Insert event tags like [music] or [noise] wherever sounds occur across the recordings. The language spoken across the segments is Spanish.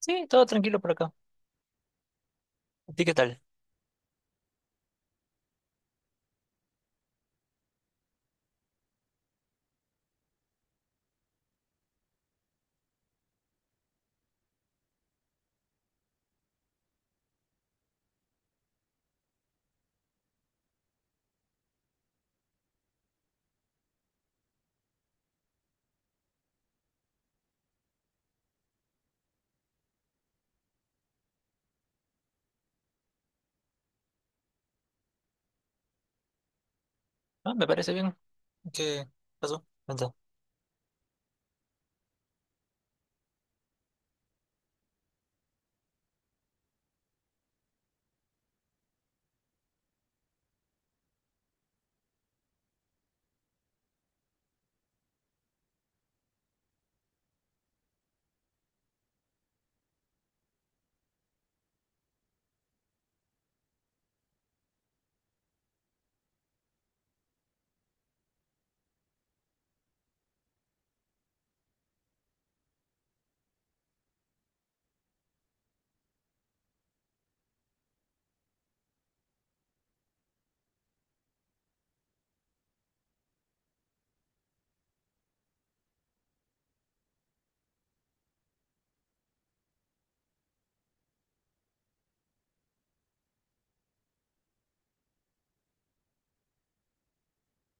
Sí, todo tranquilo por acá. ¿A ti qué tal? Ah, me parece bien. ¿Qué pasó? Cuenta.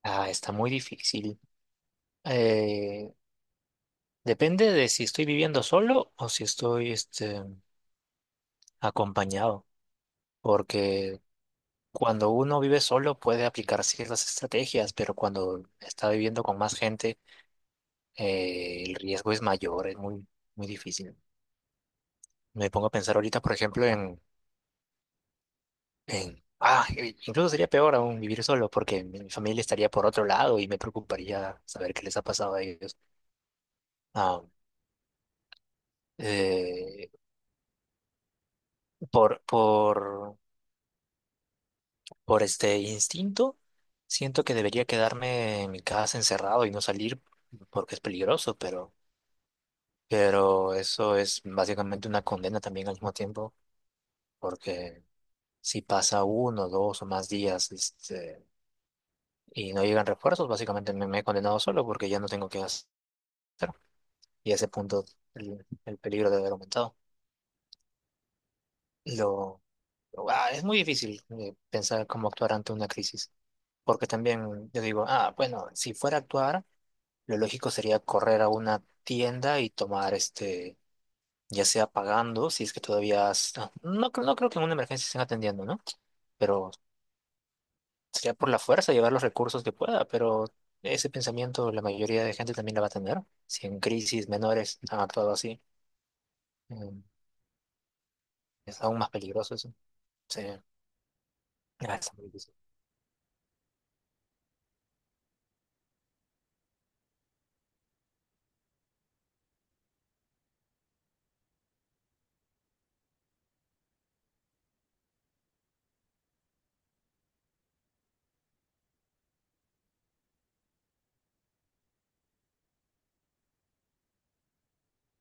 Ah, está muy difícil. Eh, Depende de si estoy viviendo solo o si estoy acompañado. Porque cuando uno vive solo puede aplicar ciertas estrategias, pero cuando está viviendo con más gente, el riesgo es mayor, es muy, muy difícil. Me pongo a pensar ahorita, por ejemplo, incluso sería peor aún vivir solo porque mi familia estaría por otro lado y me preocuparía saber qué les ha pasado a ellos. Ah, eh, por, por, por este instinto, siento que debería quedarme en mi casa encerrado y no salir porque es peligroso, pero eso es básicamente una condena también al mismo tiempo porque si pasa uno, dos o más días y no llegan refuerzos, básicamente me he condenado solo porque ya no tengo que hacer. Y a ese punto el peligro debe haber aumentado. Lo, es muy difícil pensar cómo actuar ante una crisis, porque también yo digo, bueno, si fuera a actuar, lo lógico sería correr a una tienda y tomar ya sea pagando, si es que todavía, no, no creo que en una emergencia estén atendiendo, ¿no? Pero sería por la fuerza llevar los recursos que pueda, pero ese pensamiento la mayoría de gente también la va a tener, si en crisis menores han actuado así. mm, Es aún más peligroso eso. Sí. Ah, está muy difícil.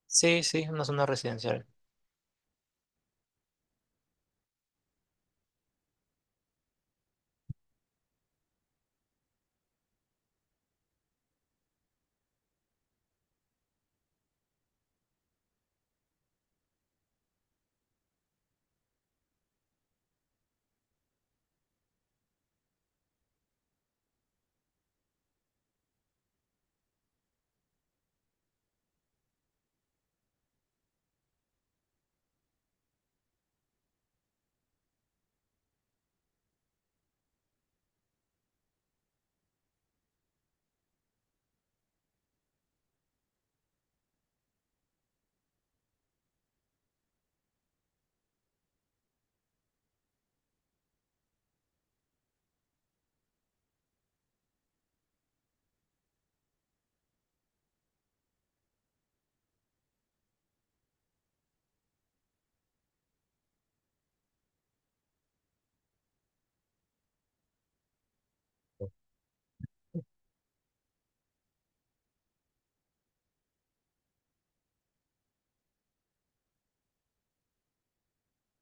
Sí, sí, una zona residencial.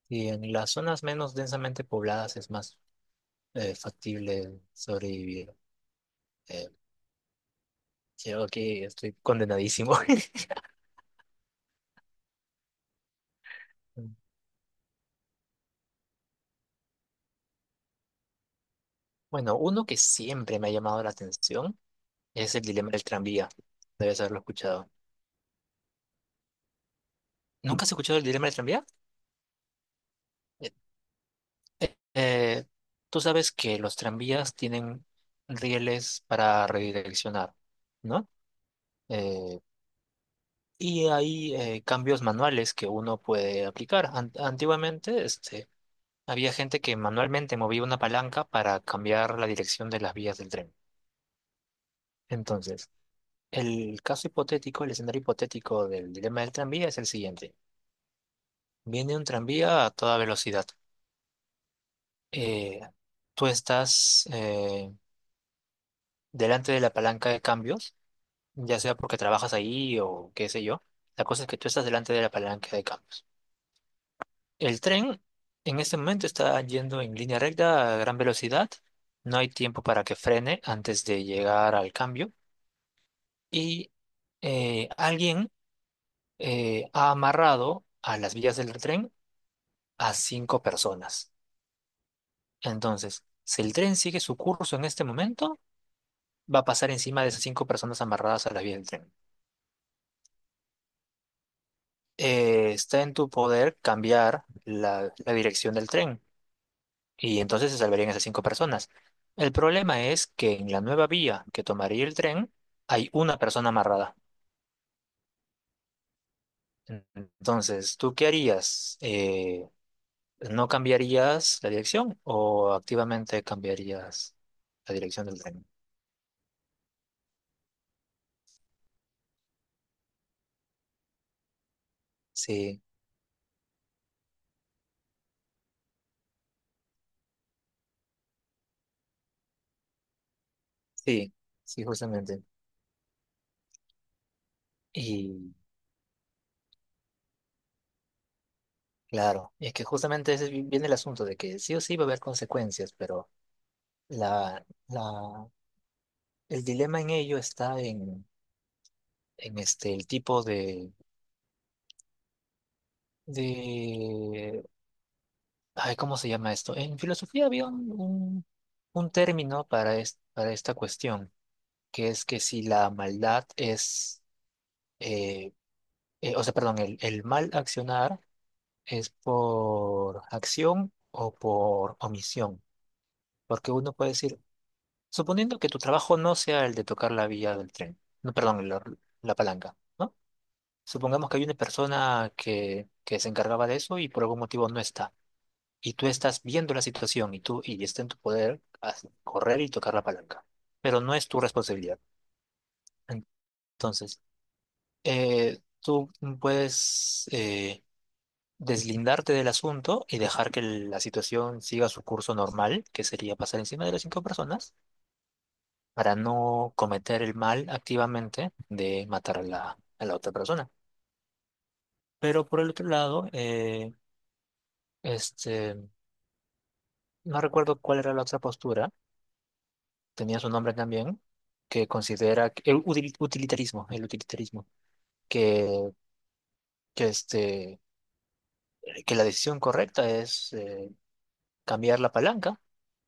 Y en las zonas menos densamente pobladas es más factible sobrevivir. Eh, Creo que estoy condenadísimo. [laughs] Bueno, uno que siempre me ha llamado la atención es el dilema del tranvía. Debes haberlo escuchado. ¿Nunca has escuchado el dilema del tranvía? Eh, eh, eh, Tú sabes que los tranvías tienen rieles para redireccionar, ¿no? Eh, Y hay cambios manuales que uno puede aplicar. Antiguamente, había gente que manualmente movía una palanca para cambiar la dirección de las vías del tren. Entonces, el caso hipotético, el escenario hipotético del dilema del tranvía es el siguiente. Viene un tranvía a toda velocidad. Eh, Tú estás delante de la palanca de cambios, ya sea porque trabajas ahí o qué sé yo. La cosa es que tú estás delante de la palanca de cambios. El tren en este momento está yendo en línea recta a gran velocidad. No hay tiempo para que frene antes de llegar al cambio. Y alguien ha amarrado a las vías del tren a cinco personas. Entonces, si el tren sigue su curso en este momento, va a pasar encima de esas cinco personas amarradas a las vías del tren. Está en tu poder cambiar la dirección del tren. Y entonces se salvarían esas cinco personas. El problema es que en la nueva vía que tomaría el tren hay una persona amarrada. Entonces, ¿tú qué harías? ¿No cambiarías la dirección o activamente cambiarías la dirección del tren? Sí, sí, sí, justamente. Y claro, es que justamente ese viene el asunto de que sí o sí va a haber consecuencias, pero la, la, el dilema en ello está en el tipo de... Ay, ¿cómo se llama esto? En filosofía había un término para esta cuestión, que es que si la maldad es, eh, o sea, perdón, el mal accionar es por acción o por omisión, porque uno puede decir, suponiendo que tu trabajo no sea el de tocar la vía del tren, no, perdón, la palanca, ¿no? Supongamos que hay una persona que se encargaba de eso y por algún motivo no está. Y tú estás viendo la situación y tú y está en tu poder correr y tocar la palanca, pero no es tu responsabilidad. Entonces, tú puedes deslindarte del asunto y dejar que la situación siga su curso normal, que sería pasar encima de las cinco personas, para no cometer el mal activamente de matar a la otra persona. Pero por el otro lado, este, no recuerdo cuál era la otra postura tenía su nombre también, que considera el utilitarismo, que, que, este, que la decisión correcta es cambiar la palanca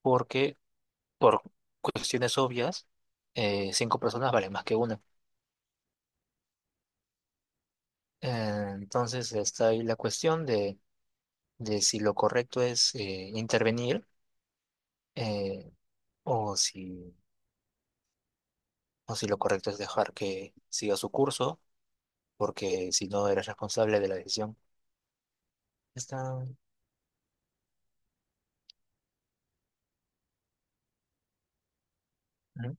porque por cuestiones obvias cinco personas valen más que una. Eh, entonces está ahí la cuestión de si lo correcto es intervenir, eh, o si, o si lo correcto es dejar que siga su curso porque si no eres responsable de la decisión. Está, ujú,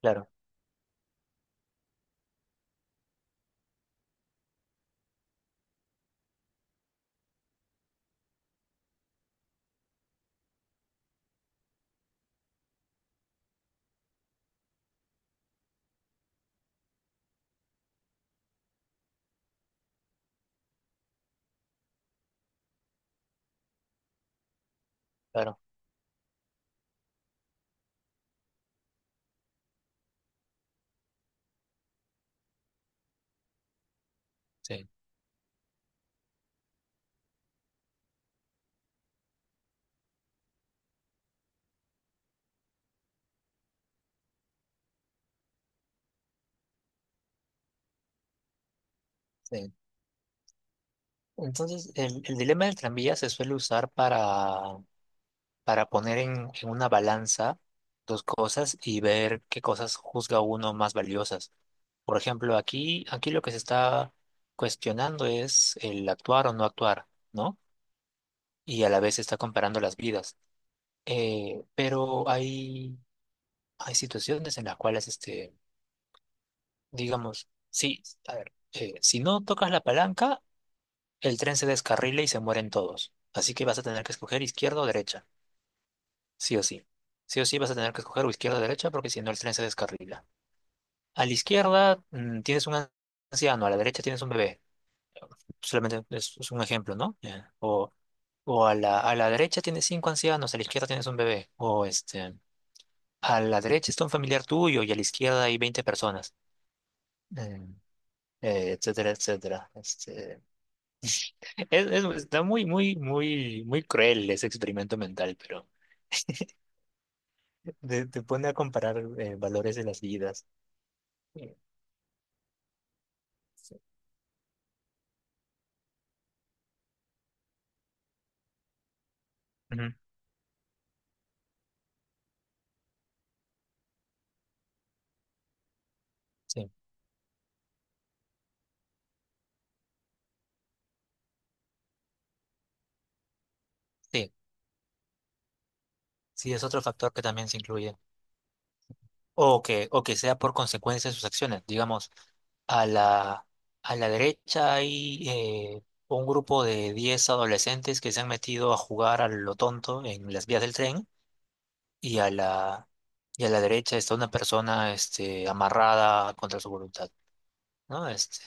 claro. Claro. Sí, sí. Entonces, el dilema del tranvía se suele usar para poner en una balanza dos cosas y ver qué cosas juzga uno más valiosas. Por ejemplo, aquí lo que se está cuestionando es el actuar o no actuar, ¿no? Y a la vez se está comparando las vidas. Pero hay situaciones en las cuales, digamos, sí, a ver, si no tocas la palanca, el tren se descarrila y se mueren todos. Así que vas a tener que escoger izquierda o derecha. Sí o sí. Sí o sí vas a tener que escoger o izquierda o derecha porque si no el tren se descarrila. A la izquierda tienes un anciano, a la derecha tienes un bebé. Solamente es un ejemplo, ¿no? Ya. O a la derecha tienes cinco ancianos, a la izquierda tienes un bebé. O a la derecha está un familiar tuyo y a la izquierda hay 20 personas. Mm, Etcétera, etcétera. Está muy, muy, muy, muy cruel ese experimento mental, pero... Te pone a comparar valores de las vidas. Sí, sí. Ujú. Sí, sí, sí, es otro factor que también se incluye. O que sea por consecuencia de sus acciones. Digamos, a la, a la derecha hay un grupo de 10 adolescentes que se han metido a jugar a lo tonto en las vías del tren y a la, y a la derecha está una persona amarrada contra su voluntad. ¿No?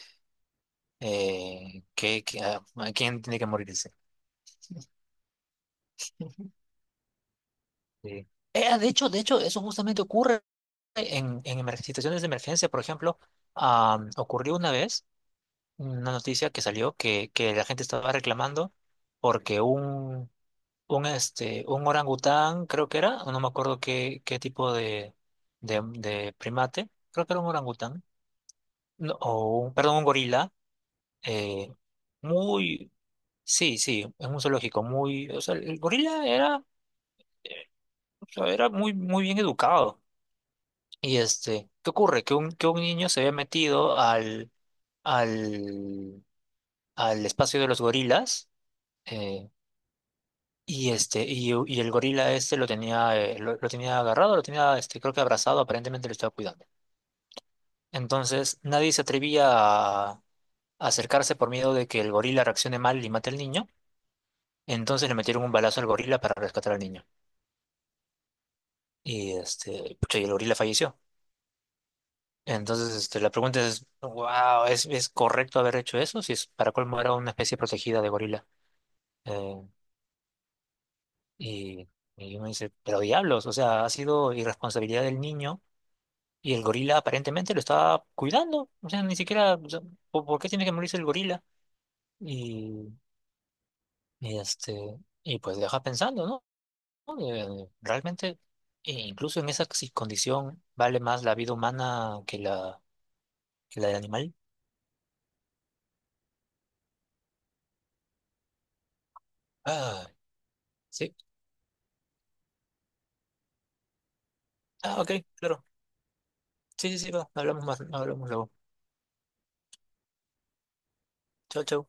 eh, que, que, ah, ¿Quién tiene que morir? Sí. De hecho, eso justamente ocurre en situaciones de emergencia. Por ejemplo, ocurrió una vez una noticia que salió que la gente estaba reclamando porque un orangután, creo que era, no me acuerdo qué tipo de primate, creo que era un orangután, no, o un, perdón, un gorila. eh, muy, sí, sí, es un zoológico, o sea, el gorila era, eh, o sea, era muy, muy bien educado. Y ¿qué ocurre? Que un niño se había metido al, al espacio de los gorilas eh, y el gorila lo tenía, lo tenía agarrado, lo tenía creo que abrazado, aparentemente lo estaba cuidando. Entonces nadie se atrevía a acercarse por miedo de que el gorila reaccione mal y mate al niño. Entonces le metieron un balazo al gorila para rescatar al niño. Y pucha, y el gorila falleció. Entonces, la pregunta es, wow, ¿es correcto haber hecho eso? Si es para colmo era una especie protegida de gorila. Eh, y, y uno dice, pero diablos, o sea, ha sido irresponsabilidad del niño y el gorila aparentemente lo estaba cuidando. O sea, ni siquiera, o sea, ¿por qué tiene que morirse el gorila? Y, y este, y pues deja pensando, ¿no? Realmente, e incluso en esa condición, vale más la vida humana que la del animal. Ah, sí. Ah, ok, claro. Sí, sí, sí, va. Hablamos más, hablamos luego. Chao, chao.